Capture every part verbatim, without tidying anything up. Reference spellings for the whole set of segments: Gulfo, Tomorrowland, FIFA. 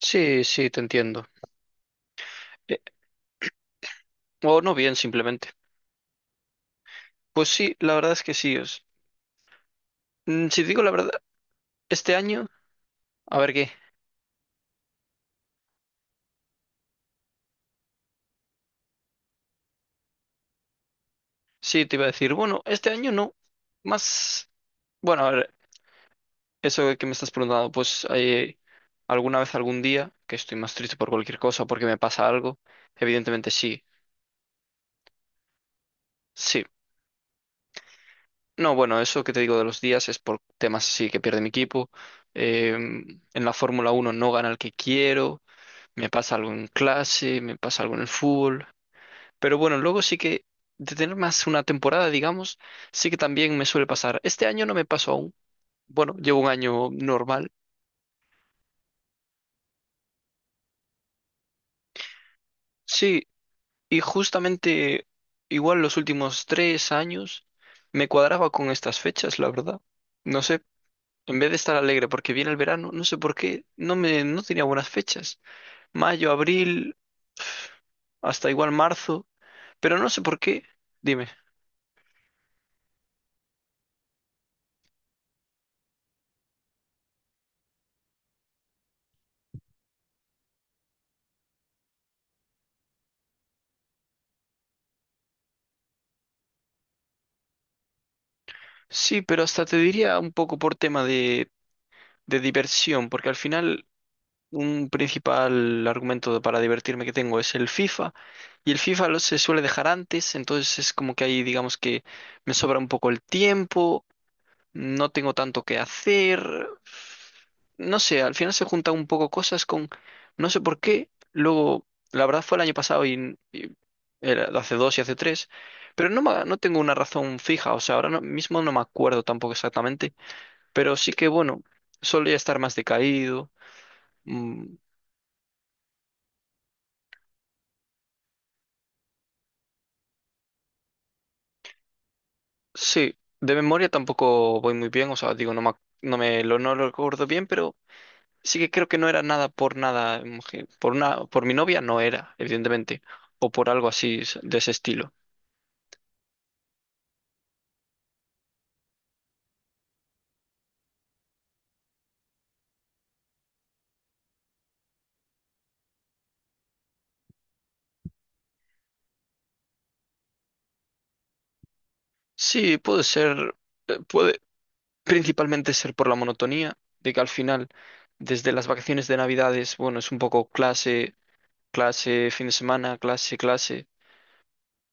Sí, sí, te entiendo. Eh, o no bien, simplemente. Pues sí, la verdad es que sí. es- Mm, Si te digo la verdad, este año, a ver qué. Sí, te iba a decir, bueno, este año no. Más, bueno, a ver, eso que me estás preguntando, pues eh, alguna vez, algún día, que estoy más triste por cualquier cosa, porque me pasa algo, evidentemente sí, sí. No, bueno, eso que te digo de los días es por temas así que pierde mi equipo. eh, en la Fórmula Uno no gana el que quiero, me pasa algo en clase, me pasa algo en el fútbol. Pero bueno, luego sí que de tener más una temporada, digamos, sí que también me suele pasar. Este año no me pasó aún. Bueno, llevo un año normal. Sí, y justamente igual los últimos tres años me cuadraba con estas fechas, la verdad. No sé, en vez de estar alegre porque viene el verano, no sé por qué, no me, no tenía buenas fechas. Mayo, abril, hasta igual marzo, pero no sé por qué. Dime. Sí, pero hasta te diría un poco por tema de, de diversión, porque al final un principal argumento para divertirme que tengo es el FIFA y el FIFA lo- se suele dejar antes, entonces es como que ahí digamos que me sobra un poco el tiempo, no tengo tanto que hacer, no sé, al final se juntan un poco cosas con, no sé por qué, luego, la verdad fue el año pasado y, y era hace dos y hace tres, pero no, ma- no tengo una razón fija, o sea, ahora no- mismo no me acuerdo tampoco exactamente, pero sí que bueno, solía estar más decaído. mm, Sí, de memoria tampoco voy muy bien, o sea, digo, no me, ac- no me lo, no lo recuerdo bien, pero sí que creo que no era nada por nada, mujer- por una, por mi novia no era, evidentemente, o por algo así s- de ese estilo. Sí, puede ser, eh, puede principalmente ser por la monotonía, de que al final, desde las vacaciones de Navidades, bueno, es un poco clase, clase, fin de semana, clase, clase.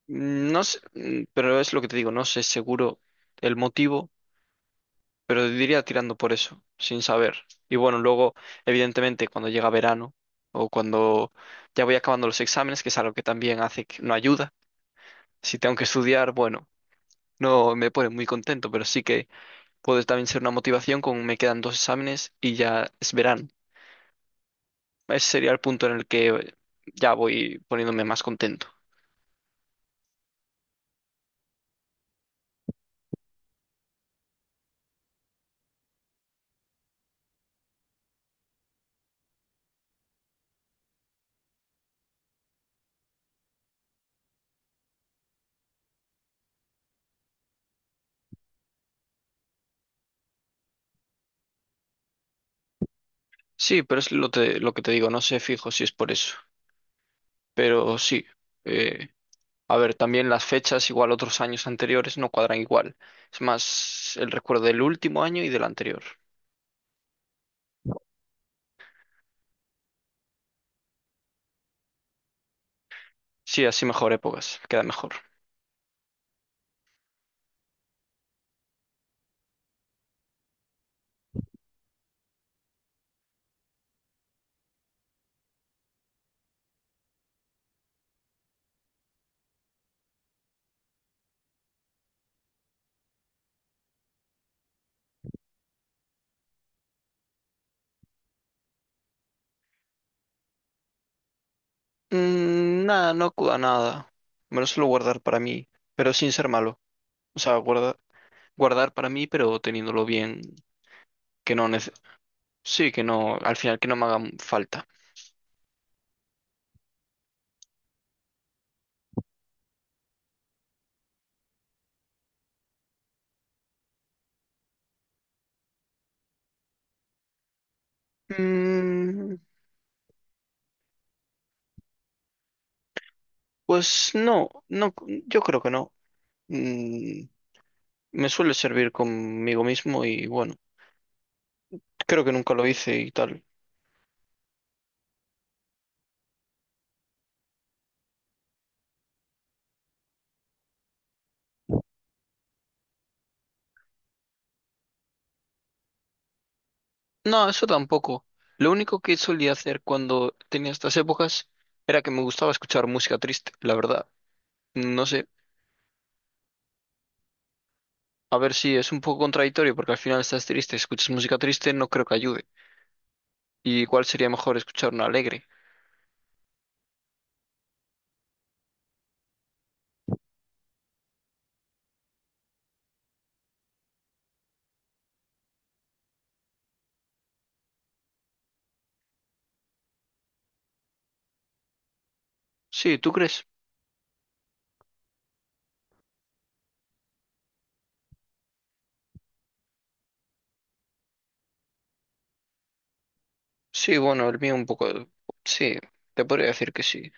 Mm, No sé, mm, pero es lo que te digo, no sé seguro el motivo pero diría tirando por eso, sin saber. Y bueno, luego, evidentemente, cuando llega verano o cuando ya voy acabando los exámenes, que es algo que también hace que no ayuda, si tengo que estudiar, bueno, no me pone muy contento, pero sí que puede también ser una motivación con me quedan dos exámenes y ya es verano. Ese sería el punto en el que eh, ya voy poniéndome más contento. Sí, pero es lo, te- lo que te digo, no sé fijo si es por eso, pero sí. eh, A ver, también las fechas, igual otros años anteriores, no cuadran igual. Es más el recuerdo del último año y del anterior. Sí, así mejor épocas, queda mejor. Mm, nada, no acuda a nada. Me lo suelo guardar para mí, pero sin ser malo. O sea, guarda- guardar para mí, pero teniéndolo bien, que no nece- sí, que no, al final que no me haga falta. Mm, pues no, no, yo creo que no. Mm, Me suele servir conmigo mismo y bueno, creo que nunca lo hice y tal. No, eso tampoco. Lo único que solía hacer cuando tenía estas épocas era que me gustaba escuchar música triste, la verdad. No sé, a ver si es un poco contradictorio porque al final estás triste, escuchas música triste, no creo que ayude. ¿Y cuál sería mejor escuchar una alegre? Sí, ¿tú crees? Sí, bueno, el mío un poco... Sí, te podría decir que sí.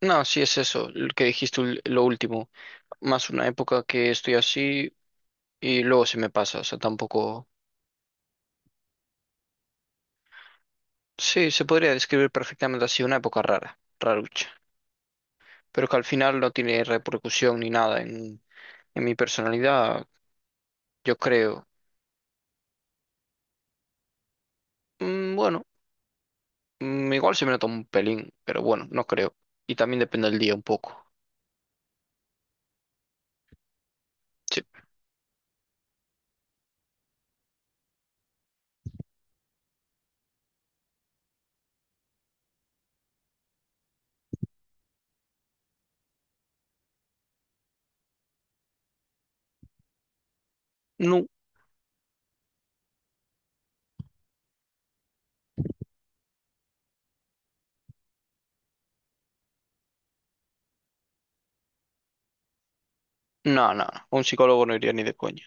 No, sí es eso, lo que dijiste ul- lo último. Más una época que estoy así y luego se me pasa, o sea, tampoco... Sí, se podría describir perfectamente así, una época rara, rarucha. Pero que al final no tiene repercusión ni nada en, en mi personalidad, yo creo. Mm, bueno, mm, igual se me nota un pelín, pero bueno, no creo. Y también depende del día un poco. Sí. No, no, no, a un psicólogo no iría ni de coña.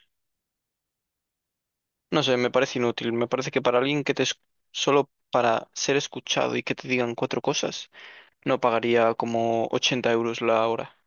No sé, me parece inútil, me parece que para alguien que te... es- Solo para ser escuchado y que te digan cuatro cosas, no pagaría como ochenta euros la hora.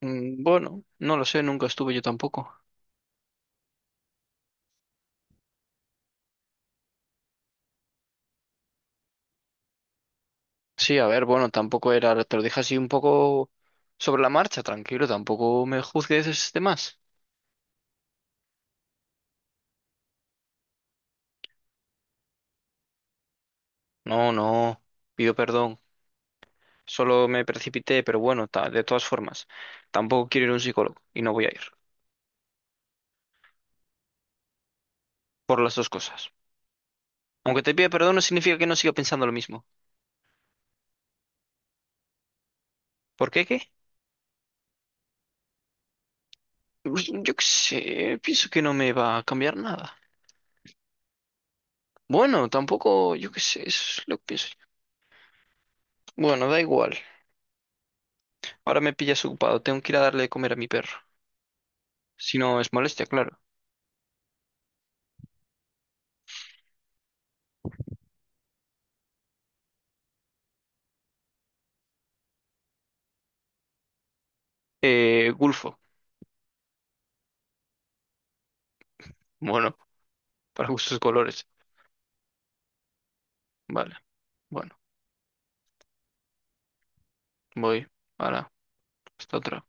Mm, Bueno, no lo sé, nunca estuve yo tampoco. Sí, a ver, bueno, tampoco era, te lo dije así un poco sobre la marcha, tranquilo, tampoco me juzgues de más. No, no, pido perdón, solo me precipité, pero bueno, ta- de todas formas, tampoco quiero ir a un psicólogo y no voy a ir, por las dos cosas. Aunque te pida perdón no significa que no siga pensando lo mismo. ¿Por qué qué? Pues, yo qué sé, pienso que no me va a cambiar nada. Bueno, tampoco, yo qué sé, eso es lo que pienso yo. Bueno, da igual, ahora me pillas ocupado, tengo que ir a darle de comer a mi perro. Si no es molestia, claro. Eh, Gulfo. Bueno, para gustos colores. Vale. Bueno, voy. Ahora, hasta otra.